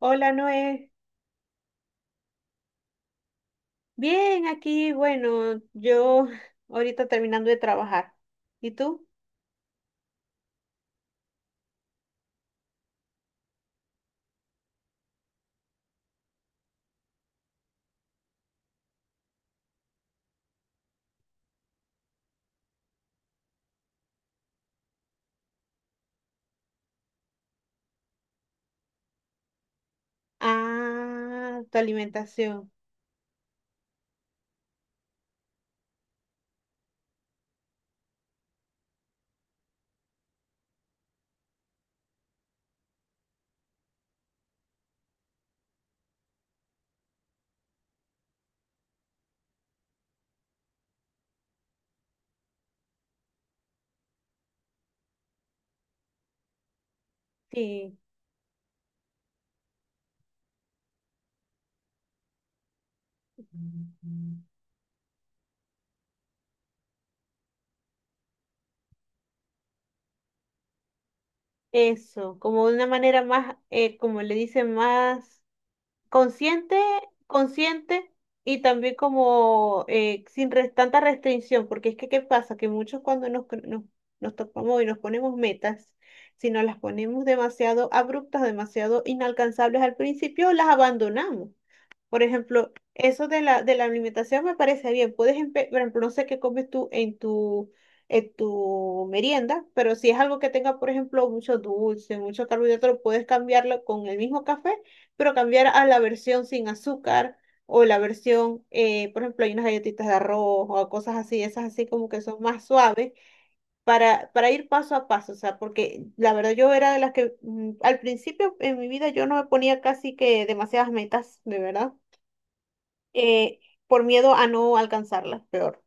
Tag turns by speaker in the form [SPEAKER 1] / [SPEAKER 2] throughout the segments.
[SPEAKER 1] Hola Noé, bien aquí, bueno, yo ahorita terminando de trabajar. ¿Y tú? Ah, tu alimentación. Sí, eso, como de una manera más, como le dicen, más consciente, consciente y también como sin tanta restricción, porque es que ¿qué pasa? Que muchos cuando nos topamos y nos ponemos metas, si nos las ponemos demasiado abruptas, demasiado inalcanzables al principio, las abandonamos. Por ejemplo, eso de la alimentación me parece bien. Puedes, por ejemplo, no sé qué comes tú en tu merienda, pero si es algo que tenga, por ejemplo, mucho dulce, mucho carbohidrato, lo puedes cambiarlo con el mismo café, pero cambiar a la versión sin azúcar o la versión, por ejemplo, hay unas galletitas de arroz o cosas así, esas así como que son más suaves para ir paso a paso, o sea, porque la verdad yo era de las que al principio en mi vida yo no me ponía casi que demasiadas metas, de verdad eh, por miedo a no alcanzarlas, peor.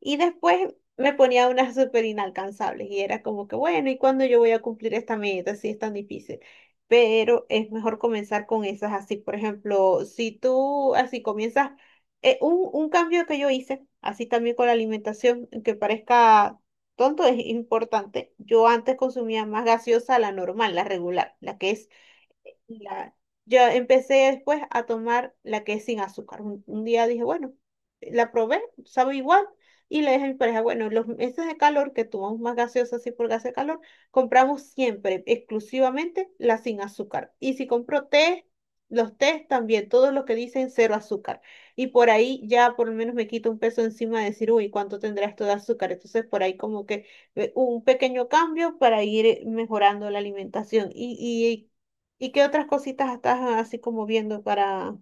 [SPEAKER 1] Y después me ponía unas súper inalcanzables y era como que, bueno, ¿y cuándo yo voy a cumplir esta meta si es tan difícil? Pero es mejor comenzar con esas así. Por ejemplo, si tú así comienzas, un cambio que yo hice, así también con la alimentación, que parezca tonto, es importante. Yo antes consumía más gaseosa la normal, la regular, la que es la- yo empecé después a tomar la que es sin azúcar. Un día dije, bueno, la probé, sabe igual, y le dije a mi pareja, bueno, los meses de calor que tomamos más gaseosa así por gas de calor, compramos siempre exclusivamente la sin azúcar. Y si compro té, los tés también, todos los que dicen cero azúcar. Y por ahí ya por lo menos me quito un peso encima de decir, uy, ¿cuánto tendrá esto de azúcar? Entonces por ahí como que un pequeño cambio para ir mejorando la alimentación. Y ¿y qué otras cositas estás así como viendo para...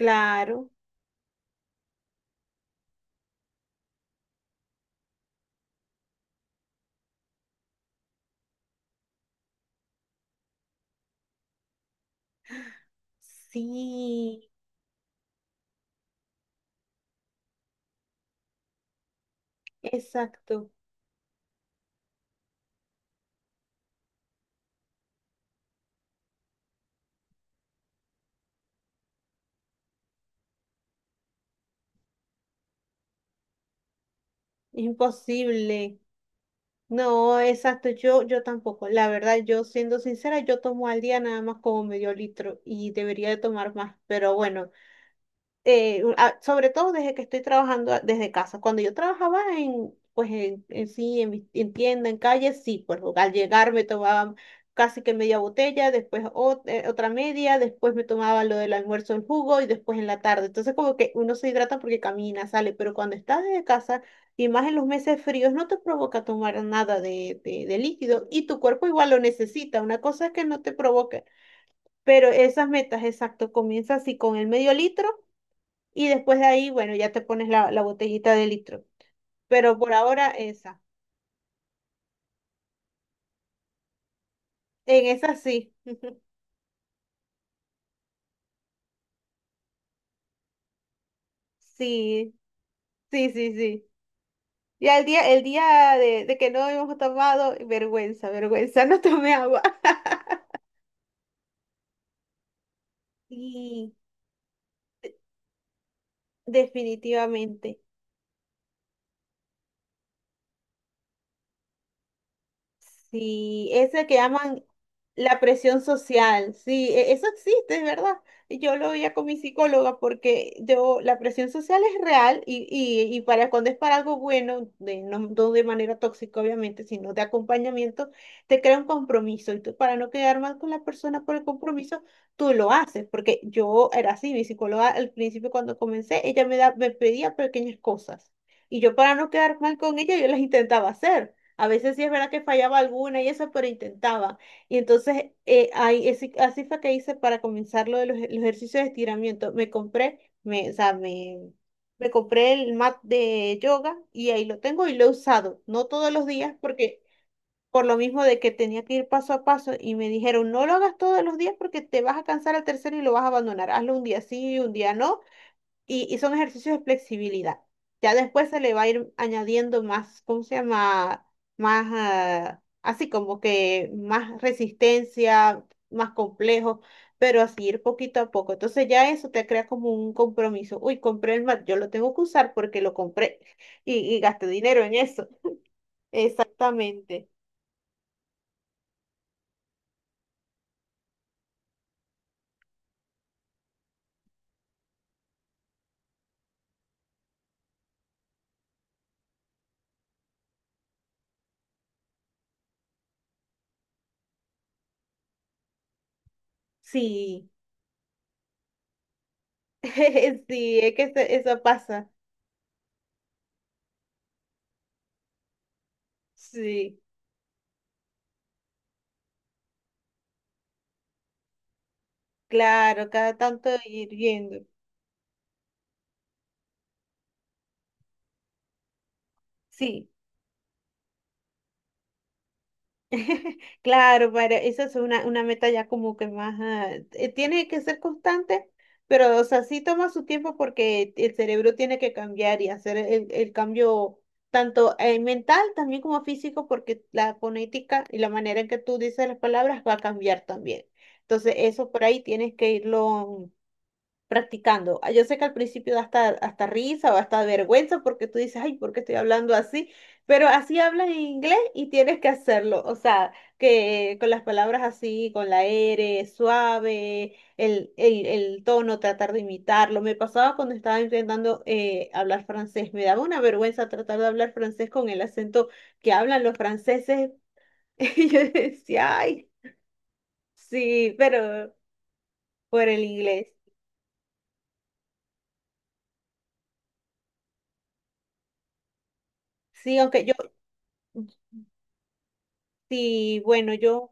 [SPEAKER 1] Claro, sí, exacto, imposible. No, exacto, yo tampoco. La verdad, yo siendo sincera, yo tomo al día nada más como medio litro y debería de tomar más, pero bueno, sobre todo desde que estoy trabajando desde casa. Cuando yo trabajaba en, pues en sí, en, en tienda, en calle, sí, pues al llegar me tomaba casi que media botella, después otra media, después me tomaba lo del almuerzo, el jugo y después en la tarde. Entonces como que uno se hidrata porque camina, sale, pero cuando estás desde casa y más en los meses fríos no te provoca tomar nada de, de líquido y tu cuerpo igual lo necesita. Una cosa es que no te provoque, pero esas metas, exacto, comienza así con el medio litro. Y después de ahí, bueno, ya te pones la botellita de litro. Pero por ahora esa. En esa sí. Sí, sí, sí, sí. Ya el día de que no habíamos tomado, vergüenza, vergüenza, no tomé agua. Y definitivamente. Sí, ese que llaman la presión social, sí, eso existe, es verdad. Yo lo veía con mi psicóloga porque yo, la presión social es real y para cuando es para algo bueno, de, no, no de manera tóxica obviamente, sino de acompañamiento, te crea un compromiso y tú para no quedar mal con la persona por el compromiso, tú lo haces, porque yo era así, mi psicóloga al principio cuando comencé, me pedía pequeñas cosas y yo para no quedar mal con ella, yo las intentaba hacer. A veces sí es verdad que fallaba alguna y eso, pero intentaba. Y entonces, así fue que hice para comenzar lo de los, los ejercicios de estiramiento. Me compré, me, o sea, me compré el mat de yoga y ahí lo tengo y lo he usado. No todos los días porque por lo mismo de que tenía que ir paso a paso y me dijeron, no lo hagas todos los días porque te vas a cansar al tercero y lo vas a abandonar. Hazlo un día sí, un día no y son ejercicios de flexibilidad. Ya después se le va a ir añadiendo más, ¿cómo se llama? Más, ah, así como que más resistencia, más complejo, pero así ir poquito a poco. Entonces ya eso te crea como un compromiso. Uy, compré el mat, yo lo tengo que usar porque lo compré y gasté dinero en eso. Exactamente. Sí, sí, es que eso pasa. Sí, claro, cada tanto ir viendo. Sí. Claro, para, esa es una meta ya como que más, ah, tiene que ser constante, pero o sea, sí toma su tiempo porque el cerebro tiene que cambiar y hacer el cambio tanto mental también como físico porque la fonética y la manera en que tú dices las palabras va a cambiar también. Entonces, eso por ahí tienes que irlo practicando. Ah, yo sé que al principio da hasta, hasta risa o hasta vergüenza porque tú dices, ay, ¿por qué estoy hablando así? Pero así hablas en inglés y tienes que hacerlo. O sea, que con las palabras así, con la R, suave, el tono, tratar de imitarlo. Me pasaba cuando estaba intentando hablar francés. Me daba una vergüenza tratar de hablar francés con el acento que hablan los franceses. Y yo decía, ay, sí, pero por el inglés. Sí, sí,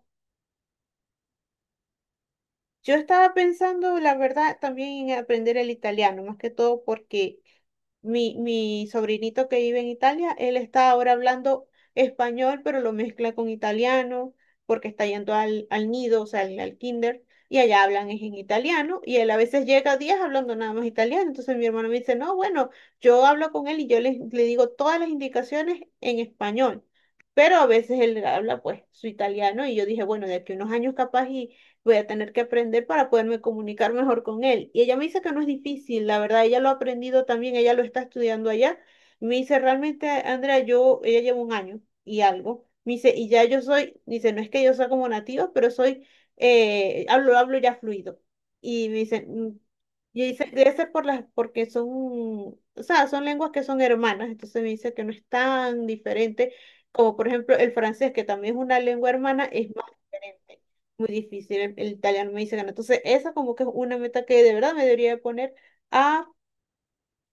[SPEAKER 1] yo estaba pensando, la verdad, también en aprender el italiano, más que todo porque mi sobrinito que vive en Italia, él está ahora hablando español, pero lo mezcla con italiano, porque está yendo al nido, o sea, al kinder, y allá hablan es en italiano, y él a veces llega días hablando nada más italiano, entonces mi hermano me dice, no, bueno, yo hablo con él y yo le digo todas las indicaciones en español. Pero a veces él habla pues su italiano y yo dije, bueno, de aquí a unos años capaz voy a tener que aprender para poderme comunicar mejor con él. Y ella me dice que no es difícil, la verdad, ella lo ha aprendido también, ella lo está estudiando allá. Y me dice, realmente, Andrea, yo, ella lleva un año y algo. Me dice, y ya yo soy, dice, no es que yo sea como nativo pero soy, hablo ya fluido. Y me dice, "Mm". Y dice, debe ser por las, porque son, o sea, son lenguas que son hermanas, entonces me dice que no es tan diferente como por ejemplo el francés, que también es una lengua hermana, es más diferente muy difícil el italiano, me dice ganar. Entonces, esa como que es una meta que de verdad me debería de poner a,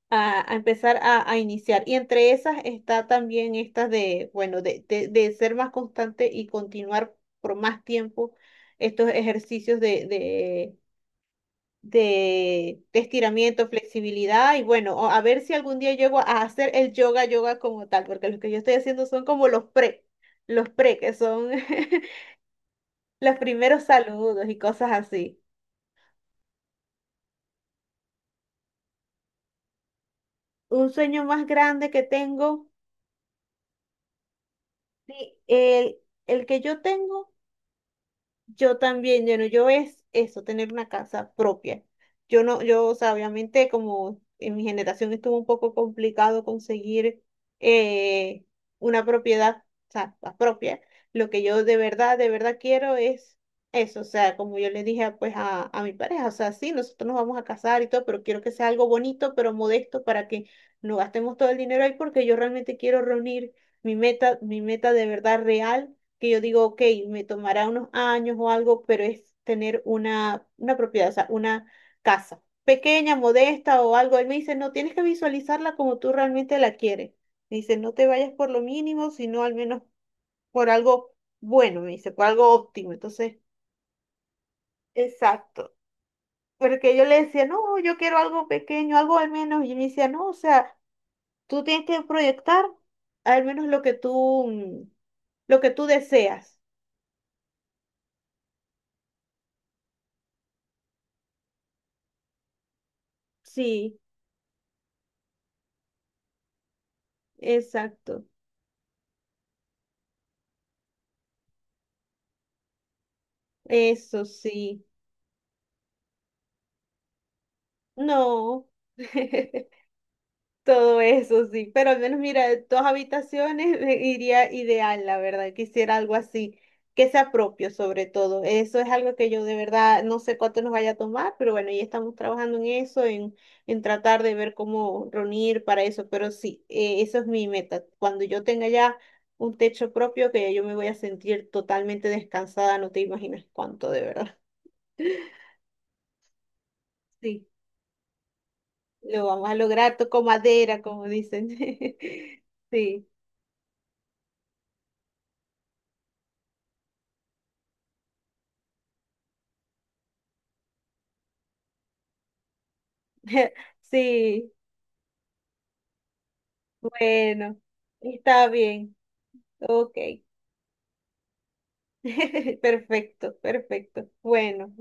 [SPEAKER 1] a empezar a iniciar. Y entre esas está también esta de, bueno, de ser más constante y continuar por más tiempo estos ejercicios de, de estiramiento, flexibilidad y bueno, o a ver si algún día llego a hacer el yoga, yoga como tal, porque los que yo estoy haciendo son como los pre, que son los primeros saludos y cosas así. Un sueño más grande que tengo, sí, el que yo tengo yo también, yo no, yo es eso, tener una casa propia. Yo no, yo, o sea, obviamente como en mi generación estuvo un poco complicado conseguir eh, una propiedad, o sea, la propia. Lo que yo de verdad quiero es eso, o sea, como yo le dije a, pues a mi pareja, o sea, sí, nosotros nos vamos a casar y todo, pero quiero que sea algo bonito, pero modesto para que no gastemos todo el dinero ahí porque yo realmente quiero reunir mi meta de verdad real que yo digo, ok, me tomará unos años o algo, pero es tener una propiedad, o sea, una casa pequeña, modesta o algo. Él me dice, no, tienes que visualizarla como tú realmente la quieres. Me dice, no te vayas por lo mínimo, sino al menos por algo bueno, me dice, por algo óptimo. Entonces, exacto. Porque yo le decía, no, yo quiero algo pequeño, algo al menos. Y él me decía, no, o sea, tú tienes que proyectar al menos lo que tú, lo que tú deseas. Sí, exacto. Eso sí, no, todo eso sí, pero al menos mira, dos habitaciones me iría ideal, la verdad, quisiera algo así, que sea propio sobre todo, eso es algo que yo de verdad no sé cuánto nos vaya a tomar, pero bueno, ya estamos trabajando en eso, en tratar de ver cómo reunir para eso, pero sí, eso es mi meta, cuando yo tenga ya un techo propio, que ya yo me voy a sentir totalmente descansada, no te imaginas cuánto, de verdad. Sí. Lo vamos a lograr, toco madera, como dicen. Sí, sí, bueno, está bien, ok. Perfecto, perfecto. Bueno.